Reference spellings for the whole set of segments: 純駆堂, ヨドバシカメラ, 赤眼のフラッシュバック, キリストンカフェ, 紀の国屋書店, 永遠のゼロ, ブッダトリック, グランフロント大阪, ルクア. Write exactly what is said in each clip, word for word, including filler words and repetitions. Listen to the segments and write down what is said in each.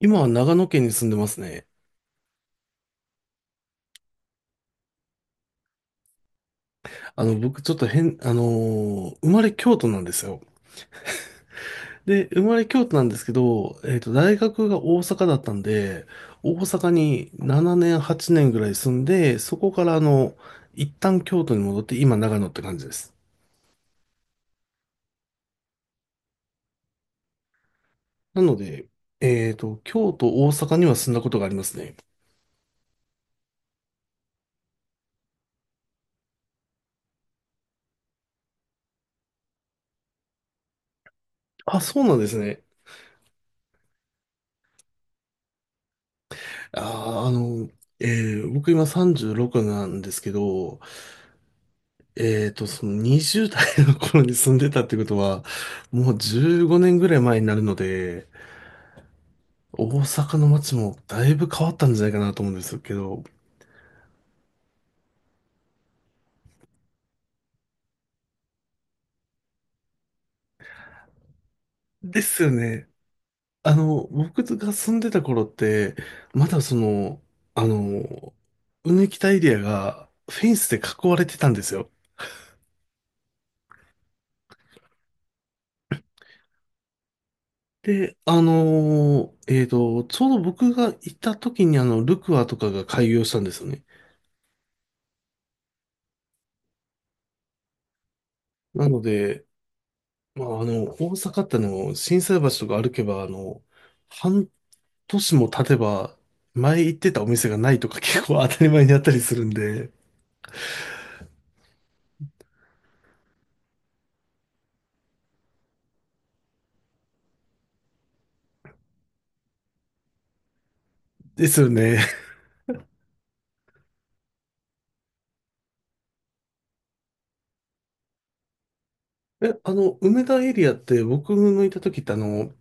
今は長野県に住んでますね。あの、僕ちょっと変、あのー生まれ京都なんですよ。で、生まれ京都なんですけど、えっと、大学が大阪だったんで、大阪にななねん、はちねんぐらい住んで、そこからあの、一旦京都に戻って、今長野って感じです。なので、えっと、京都、大阪には住んだことがありますね。あ、そうなんですね。あー、あの、えー僕今さんじゅうろくなんですけど、えっと、そのにじゅう代の頃に住んでたってことは、もうじゅうごねんぐらい前になるので、大阪の街もだいぶ変わったんじゃないかなと思うんですけど。ですよね。あの、僕が住んでた頃って、まだその、あの、うぬきたエリアがフェンスで囲われてたんですよ。で、あのーえっと、ちょうど僕が行った時にあの、ルクアとかが開業したんですよね。なので、まあ、あの、大阪ってあの、心斎橋とか歩けば、あの、半年も経てば、前行ってたお店がないとか結構当たり前にあったりするんで、ですよね。え、あの、梅田エリアって僕のいた時ってあの、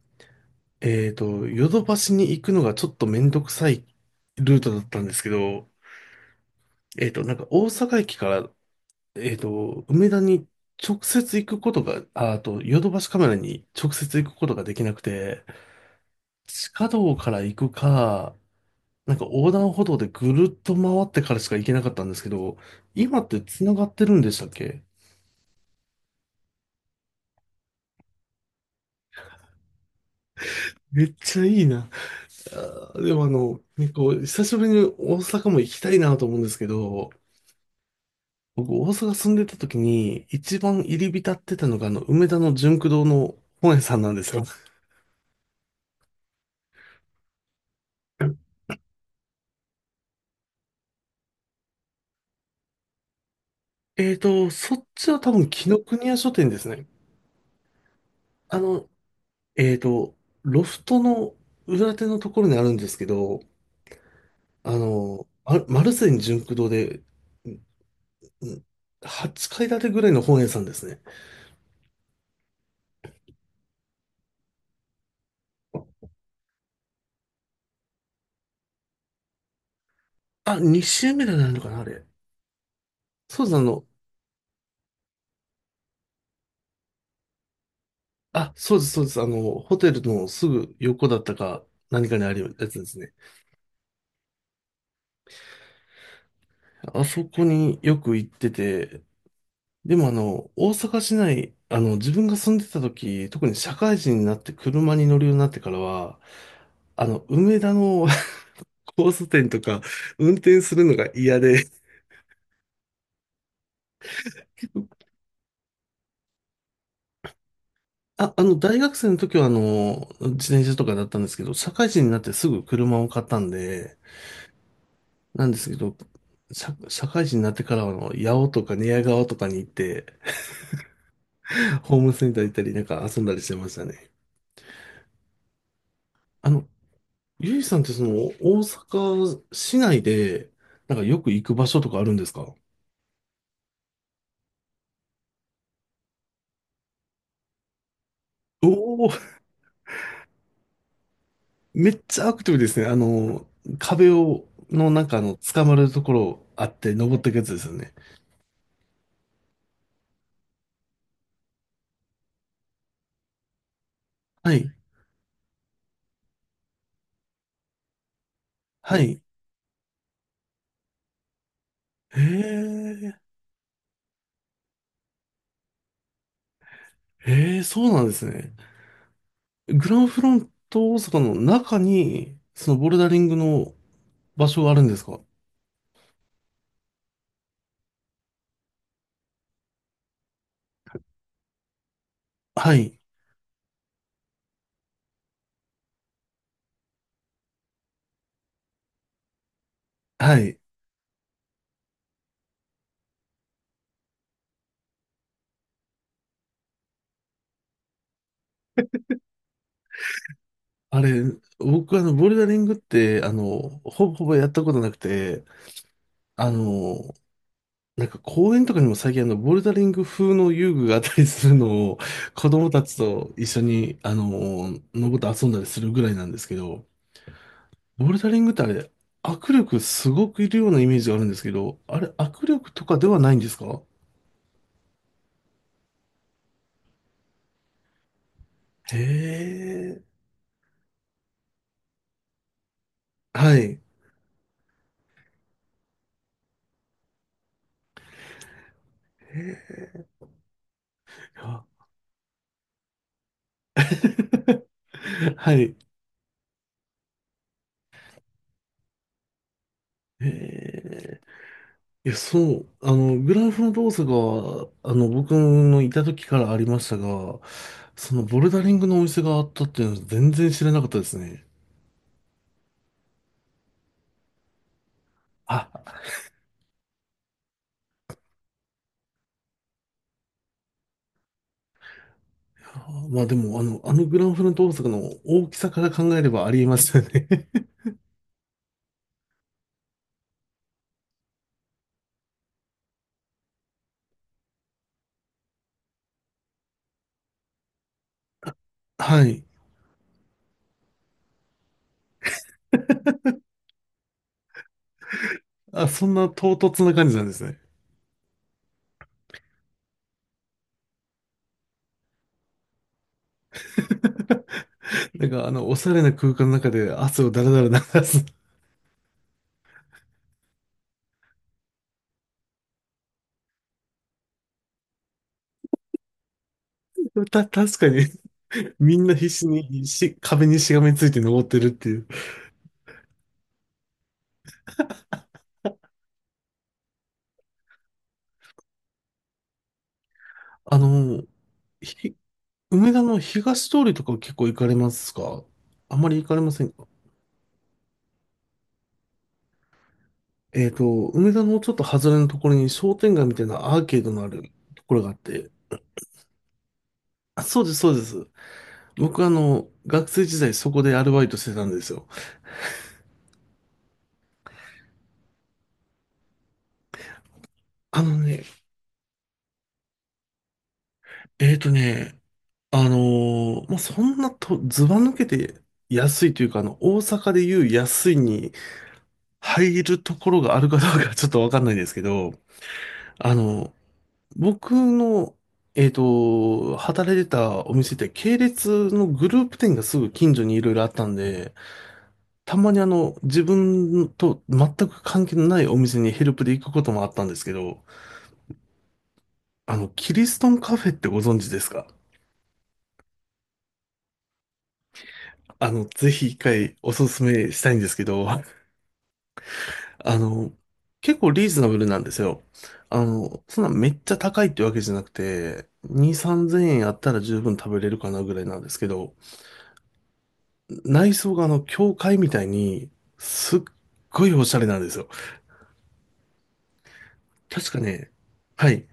えっと、ヨドバシに行くのがちょっとめんどくさいルートだったんですけど、えっと、なんか大阪駅から、えっと、梅田に直接行くことが、あ、あと、ヨドバシカメラに直接行くことができなくて、地下道から行くか、なんか横断歩道でぐるっと回ってからしか行けなかったんですけど、今って繋がってるんでしたっけ？めっちゃいいな。あーでもあの、ね、こう、久しぶりに大阪も行きたいなと思うんですけど、僕大阪住んでた時に一番入り浸ってたのがあの、梅田の純駆堂の本屋さんなんですよ。えーと、そっちは多分紀の国屋書店ですね。あの、えーと、ロフトの裏手のところにあるんですけど、あの、あマルセン純駆堂で、うん。はっかい建てぐらいの本屋さんですね。あ、に周目でなるのかな、あれ。そうです、あの、あ、そうです、そうです。あの、ホテルのすぐ横だったか、何かにあるやつですね。あそこによく行ってて、でもあの、大阪市内、あの、自分が住んでた時、特に社会人になって車に乗るようになってからは、あの、梅田の 交差点とか運転するのが嫌で、あ、あの、大学生の時は、あの、自転車とかだったんですけど、社会人になってすぐ車を買ったんで、なんですけど、社、社会人になってからは、あの、八尾とか寝屋川とかに行って、ホームセンター行ったり、なんか遊んだりしてましたね。あの、ゆいさんってその、大阪市内で、なんかよく行く場所とかあるんですか？おおー、めっちゃアクティブですね。あの、壁を、のなんかあの、捕まるところあって登っていくやつですよね。はい。はい。へえ。ええ、そうなんですね。グランフロント大阪の中に、そのボルダリングの場所があるんですか？はい。はい。あれ、僕あの、ボルダリングって、あの、ほぼほぼやったことなくて、あの、なんか公園とかにも最近あの、ボルダリング風の遊具があったりするのを、子供たちと一緒に、あの、登って遊んだりするぐらいなんですけど、ボルダリングってあれ、握力すごくいるようなイメージがあるんですけど、あれ、握力とかではないんですか？へえ。はい。へえ、あ、 はい。へえ、いや、そう、あの、グラフの動作が、あの、僕のいた時からありましたが、そのボルダリングのお店があったっていうのは全然知らなかったですね。あ、あまあでも、あの、あのグラフの動作の大きさから考えればありえますよね。はい。あ、そんな唐突な感じなんですね。なんか、あの、おしゃれな空間の中で汗をだらだら流す。た、確かにみんな必死にし、壁にしがみついて登ってるっていう。あの、ひ、梅田の東通りとか結構行かれますか？あまり行かれませんか？えっと、梅田のちょっと外れのところに商店街みたいなアーケードのあるところがあって。あ、そうです、そうです。僕あの、学生時代そこでアルバイトしてたんですよ。あのね、えっとね、あのーまあ、そんなと、ずば抜けて安いというか、あの、大阪でいう安いに入るところがあるかどうかちょっとわかんないですけど、あの、僕の、えっと、働いてたお店って系列のグループ店がすぐ近所にいろいろあったんで、たまにあの、自分と全く関係のないお店にヘルプで行くこともあったんですけど、あの、キリストンカフェってご存知ですか？あの、ぜひ一回おすすめしたいんですけど、あの、結構リーズナブルなんですよ。あの、そんなめっちゃ高いってわけじゃなくて、に、さんぜんえんあったら十分食べれるかなぐらいなんですけど、内装があの、教会みたいに、すっごいおしゃれなんですよ。確かね、はい。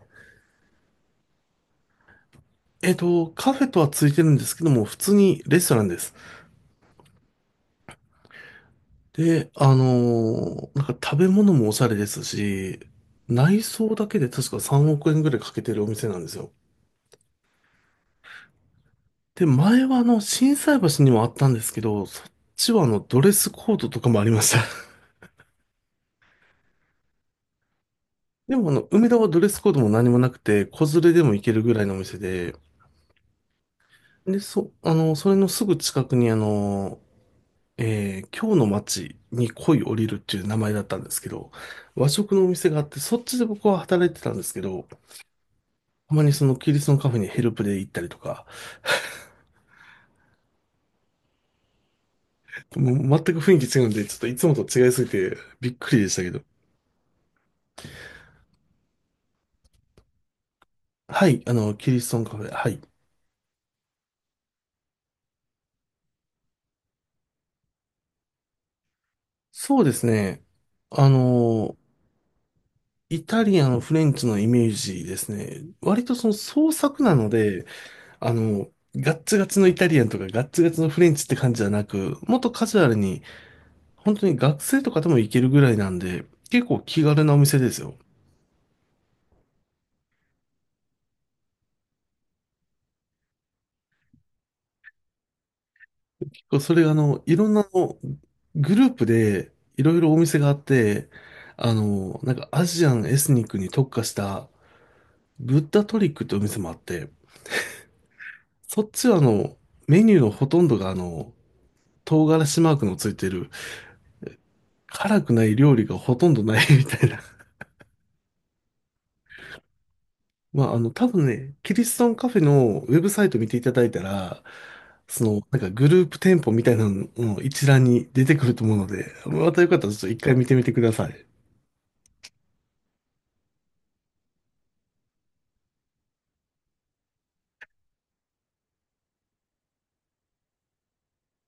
えっと、カフェとはついてるんですけども、普通にレストランです。で、あのーなんか食べ物もおしゃれですし、内装だけで確かさんおく円ぐらいかけてるお店なんですよ。で、前はあの、心斎橋にもあったんですけど、そっちはあの、ドレスコードとかもありました。でもあの、梅田はドレスコードも何もなくて、子連れでも行けるぐらいのお店で、で、そ、あの、それのすぐ近くにあの、えー、今日の街に恋降りるっていう名前だったんですけど、和食のお店があって、そっちで僕は働いてたんですけど、たまにそのキリストのカフェにヘルプで行ったりとか、もう全く雰囲気違うんで、ちょっといつもと違いすぎてびっくりでしたけど。はい、あの、キリストンカフェ、はい。そうですね。あの、イタリアのフレンチのイメージですね。割とその創作なので、あの、ガッツガツのイタリアンとかガッツガツのフレンチって感じじゃなく、もっとカジュアルに、本当に学生とかでも行けるぐらいなんで、結構気軽なお店ですよ。結構それがあの、いろんなあのグループでいろいろお店があって、あの、なんかアジアンエスニックに特化したブッダトリックってお店もあって、そっちはあの、メニューのほとんどがあの、唐辛子マークのついてる、辛くない料理がほとんどないみたいな。まあ、あの、多分ね、キリストンカフェのウェブサイト見ていただいたら、その、なんかグループ店舗みたいなのの一覧に出てくると思うので、またよかったらちょっと一回見てみてください。